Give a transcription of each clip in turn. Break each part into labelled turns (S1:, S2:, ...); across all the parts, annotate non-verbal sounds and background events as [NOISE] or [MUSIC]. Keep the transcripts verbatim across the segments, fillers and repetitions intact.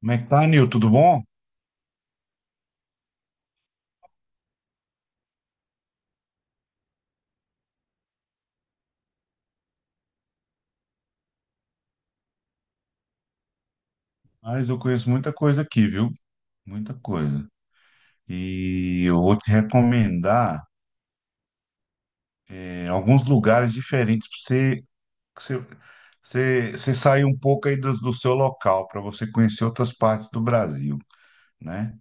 S1: Como é que tá, Nil? Tudo bom? Mas eu conheço muita coisa aqui, viu? Muita coisa. E eu vou te recomendar é, alguns lugares diferentes para você, pra você, você, você sair um pouco aí do, do seu local, para você conhecer outras partes do Brasil, né?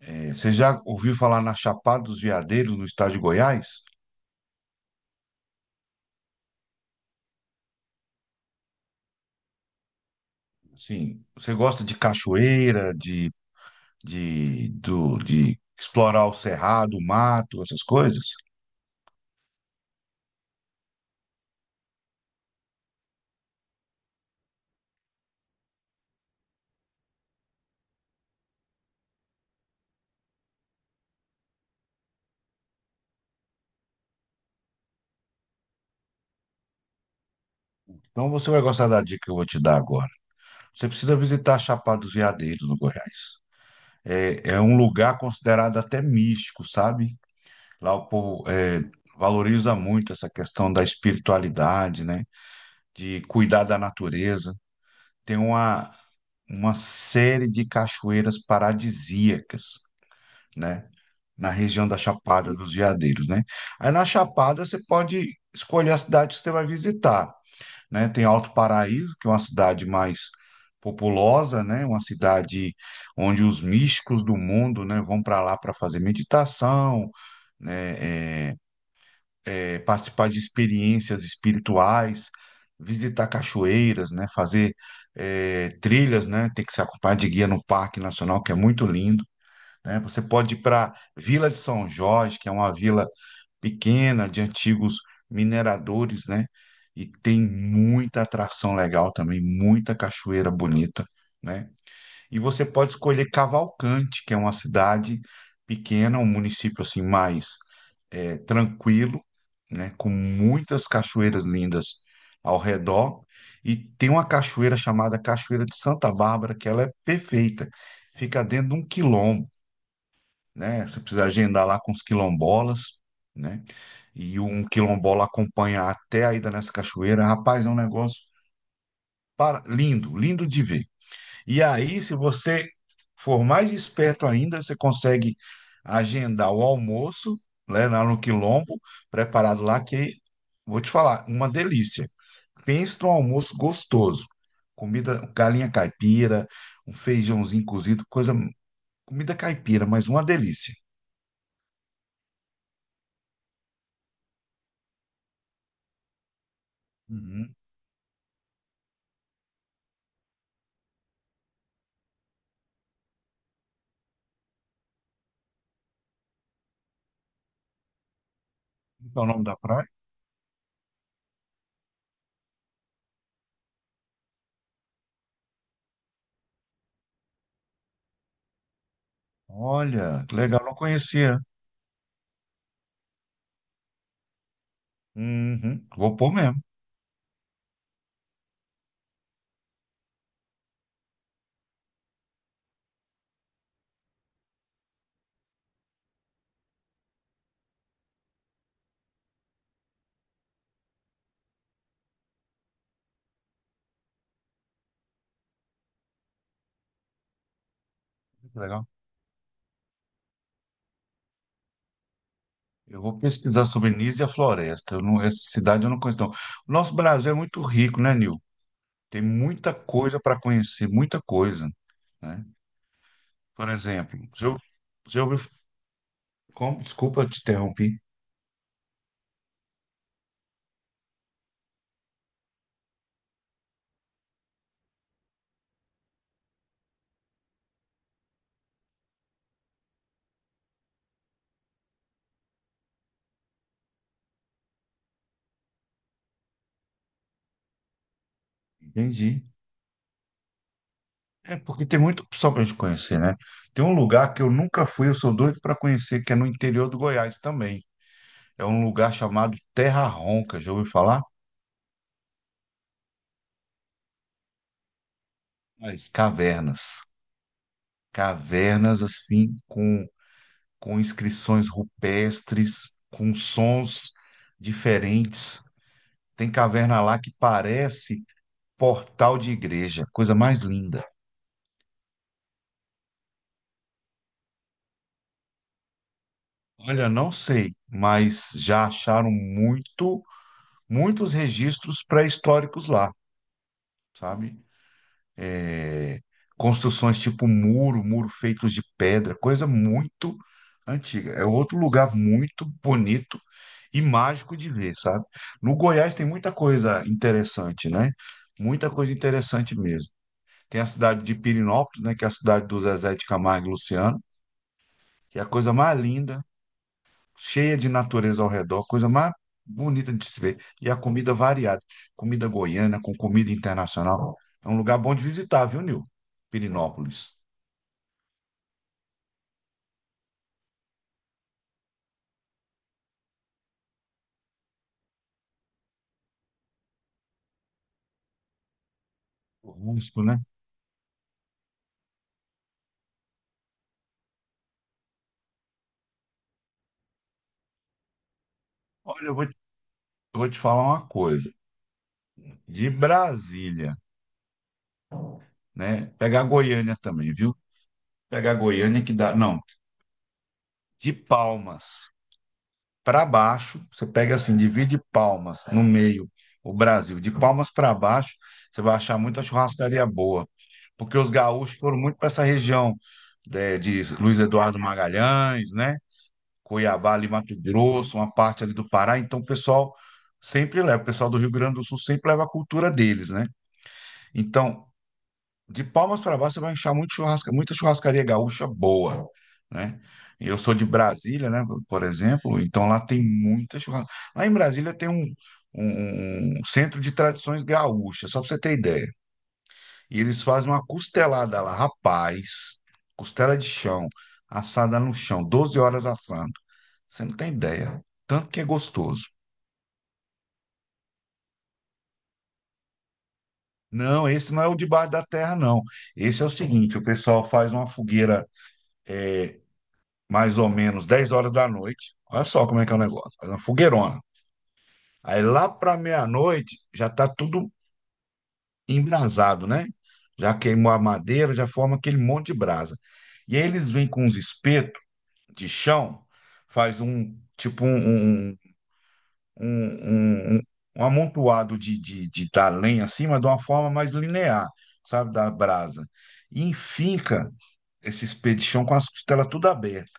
S1: É, você já ouviu falar na Chapada dos Veadeiros, no estado de Goiás? Sim. Você gosta de cachoeira, de, de, do, de explorar o cerrado, o mato, essas coisas? Então você vai gostar da dica que eu vou te dar agora. Você precisa visitar a Chapada dos Veadeiros, no Goiás. É, é um lugar considerado até místico, sabe? Lá o povo é, valoriza muito essa questão da espiritualidade, né? De cuidar da natureza. Tem uma, uma série de cachoeiras paradisíacas, né? Na região da Chapada dos Veadeiros, né? Aí na Chapada você pode escolher a cidade que você vai visitar, né? Tem Alto Paraíso, que é uma cidade mais populosa, né? Uma cidade onde os místicos do mundo, né, vão para lá para fazer meditação, né, é, é, participar de experiências espirituais, visitar cachoeiras, né, fazer é, trilhas, né? Tem que se acompanhar de guia no Parque Nacional, que é muito lindo. Né? Você pode ir para Vila de São Jorge, que é uma vila pequena de antigos mineradores, né? E tem muita atração legal também, muita cachoeira bonita, né? E você pode escolher Cavalcante, que é uma cidade pequena, um município assim mais eh, tranquilo, né? Com muitas cachoeiras lindas ao redor. E tem uma cachoeira chamada Cachoeira de Santa Bárbara, que ela é perfeita. Fica dentro de um quilombo, né? Você precisa agendar lá com os quilombolas, né? E um quilombola acompanha até a ida nessa cachoeira. Rapaz, é um negócio para... lindo, lindo de ver. E aí, se você for mais esperto ainda, você consegue agendar o almoço, né, lá no quilombo, preparado lá, que vou te falar, uma delícia. Pensa num almoço gostoso. Comida, galinha caipira, um feijãozinho cozido, coisa, comida caipira, mas uma delícia. Uhum. Qual é o nome da praia? Olha, que legal, não conhecia. Uhum, vou pôr mesmo, que legal. Eu vou pesquisar sobre Nísia e a floresta. Eu não- Essa cidade eu não conheço, não. O nosso Brasil é muito rico, né, Nil? Tem muita coisa para conhecer, muita coisa, né? Por exemplo, se eu, se eu, como, desculpa, eu te interrompi. Entendi. É porque tem muita opção para a gente conhecer, né? Tem um lugar que eu nunca fui, eu sou doido para conhecer, que é no interior do Goiás também. É um lugar chamado Terra Ronca. Já ouviu falar? Mas cavernas. Cavernas assim, com, com inscrições rupestres, com sons diferentes. Tem caverna lá que parece portal de igreja, coisa mais linda. Olha, não sei, mas já acharam muito, muitos registros pré-históricos lá, sabe? É, Construções tipo muro, muro feitos de pedra, coisa muito antiga. É outro lugar muito bonito e mágico de ver, sabe? No Goiás tem muita coisa interessante, né? Muita coisa interessante mesmo. Tem a cidade de Pirinópolis, né? Que é a cidade do Zezé de Camargo e Luciano, que é a coisa mais linda, cheia de natureza ao redor, coisa mais bonita de se ver. E a comida variada, comida goiana com comida internacional. É um lugar bom de visitar, viu, Nil? Pirinópolis. Rústico, né? Olha, eu vou te, eu vou te falar uma coisa. De Brasília, né? Pegar Goiânia também, viu? Pegar Goiânia que dá. Não, de Palmas para baixo, você pega assim, divide Palmas no meio, o Brasil, de Palmas para baixo, você vai achar muita churrascaria boa, porque os gaúchos foram muito para essa região, né, de Luiz Eduardo Magalhães, né? Cuiabá, ali, Mato Grosso, uma parte ali do Pará, então o pessoal sempre leva, o pessoal do Rio Grande do Sul sempre leva a cultura deles, né? Então, de Palmas para baixo, você vai achar muito churrasca, muita churrascaria gaúcha boa, né? E eu sou de Brasília, né, por exemplo, então lá tem muita churrasca. Lá em Brasília tem um, um um, um centro de tradições gaúchas, só para você ter ideia. E eles fazem uma costelada lá, rapaz, costela de chão, assada no chão, doze horas assando. Você não tem ideia, tanto que é gostoso. Não, esse não é o de baixo da terra, não. Esse é o seguinte, o pessoal faz uma fogueira, é, mais ou menos dez horas da noite. Olha só como é que é o negócio. Faz uma fogueirona. Aí lá para meia-noite já tá tudo embrasado, né? Já queimou a madeira, já forma aquele monte de brasa. E aí eles vêm com uns espetos de chão, faz um tipo um, um, um, um, um um, um amontoado de, de, de da lenha assim, mas de uma forma mais linear, sabe, da brasa. E enfinca esse espeto de chão com as costelas tudo abertas,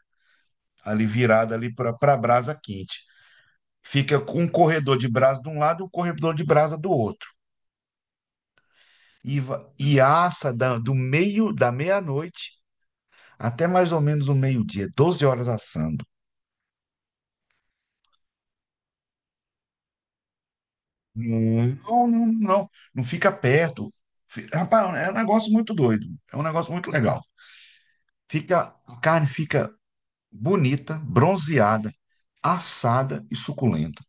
S1: ali virada ali para a brasa quente. Fica com um corredor de brasa de um lado e um corredor de brasa do outro. E, va- e assa da- do meio da meia-noite até mais ou menos o meio-dia, doze horas assando. Não, não, não. Não fica perto. Fi- Rapaz, é um negócio muito doido. É um negócio muito legal. Fica, a carne fica bonita, bronzeada, assada e suculenta.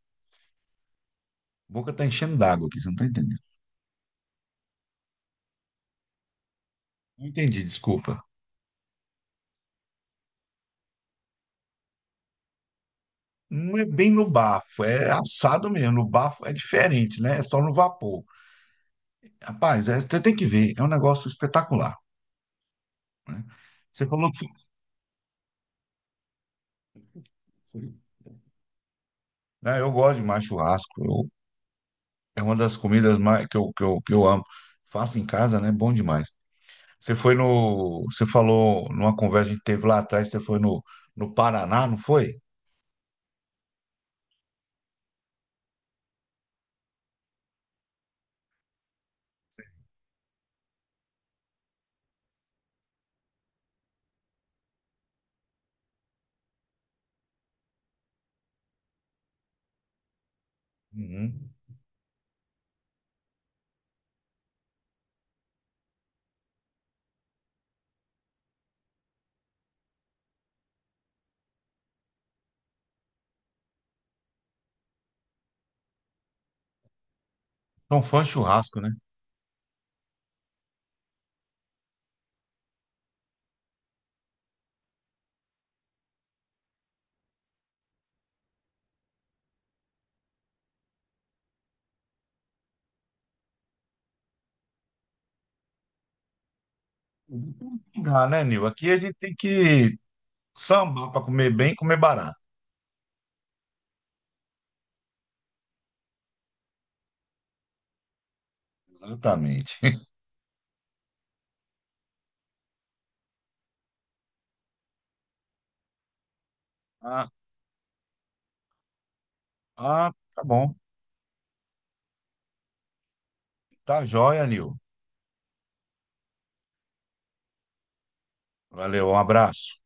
S1: A boca tá enchendo d'água aqui, você não tá entendendo. Não entendi, desculpa. Não é bem no bafo, é assado mesmo. No bafo é diferente, né? É só no vapor. Rapaz, é- você tem que ver, é um negócio espetacular, né? Você falou que. Né, eu gosto de mais churrasco, eu- é uma das comidas mais, que eu, que eu, que eu amo. Faço em casa, né? Bom demais. Você foi no. Você falou numa conversa que a gente teve lá atrás, você foi no, no Paraná, não foi? Sim. Uhum. São fãs de churrasco, né? Dá, né, Nil? Aqui a gente tem que sambar para comer bem e comer barato. Exatamente. [LAUGHS] Ah, ah, tá bom. Tá joia, Nil. Valeu, um abraço.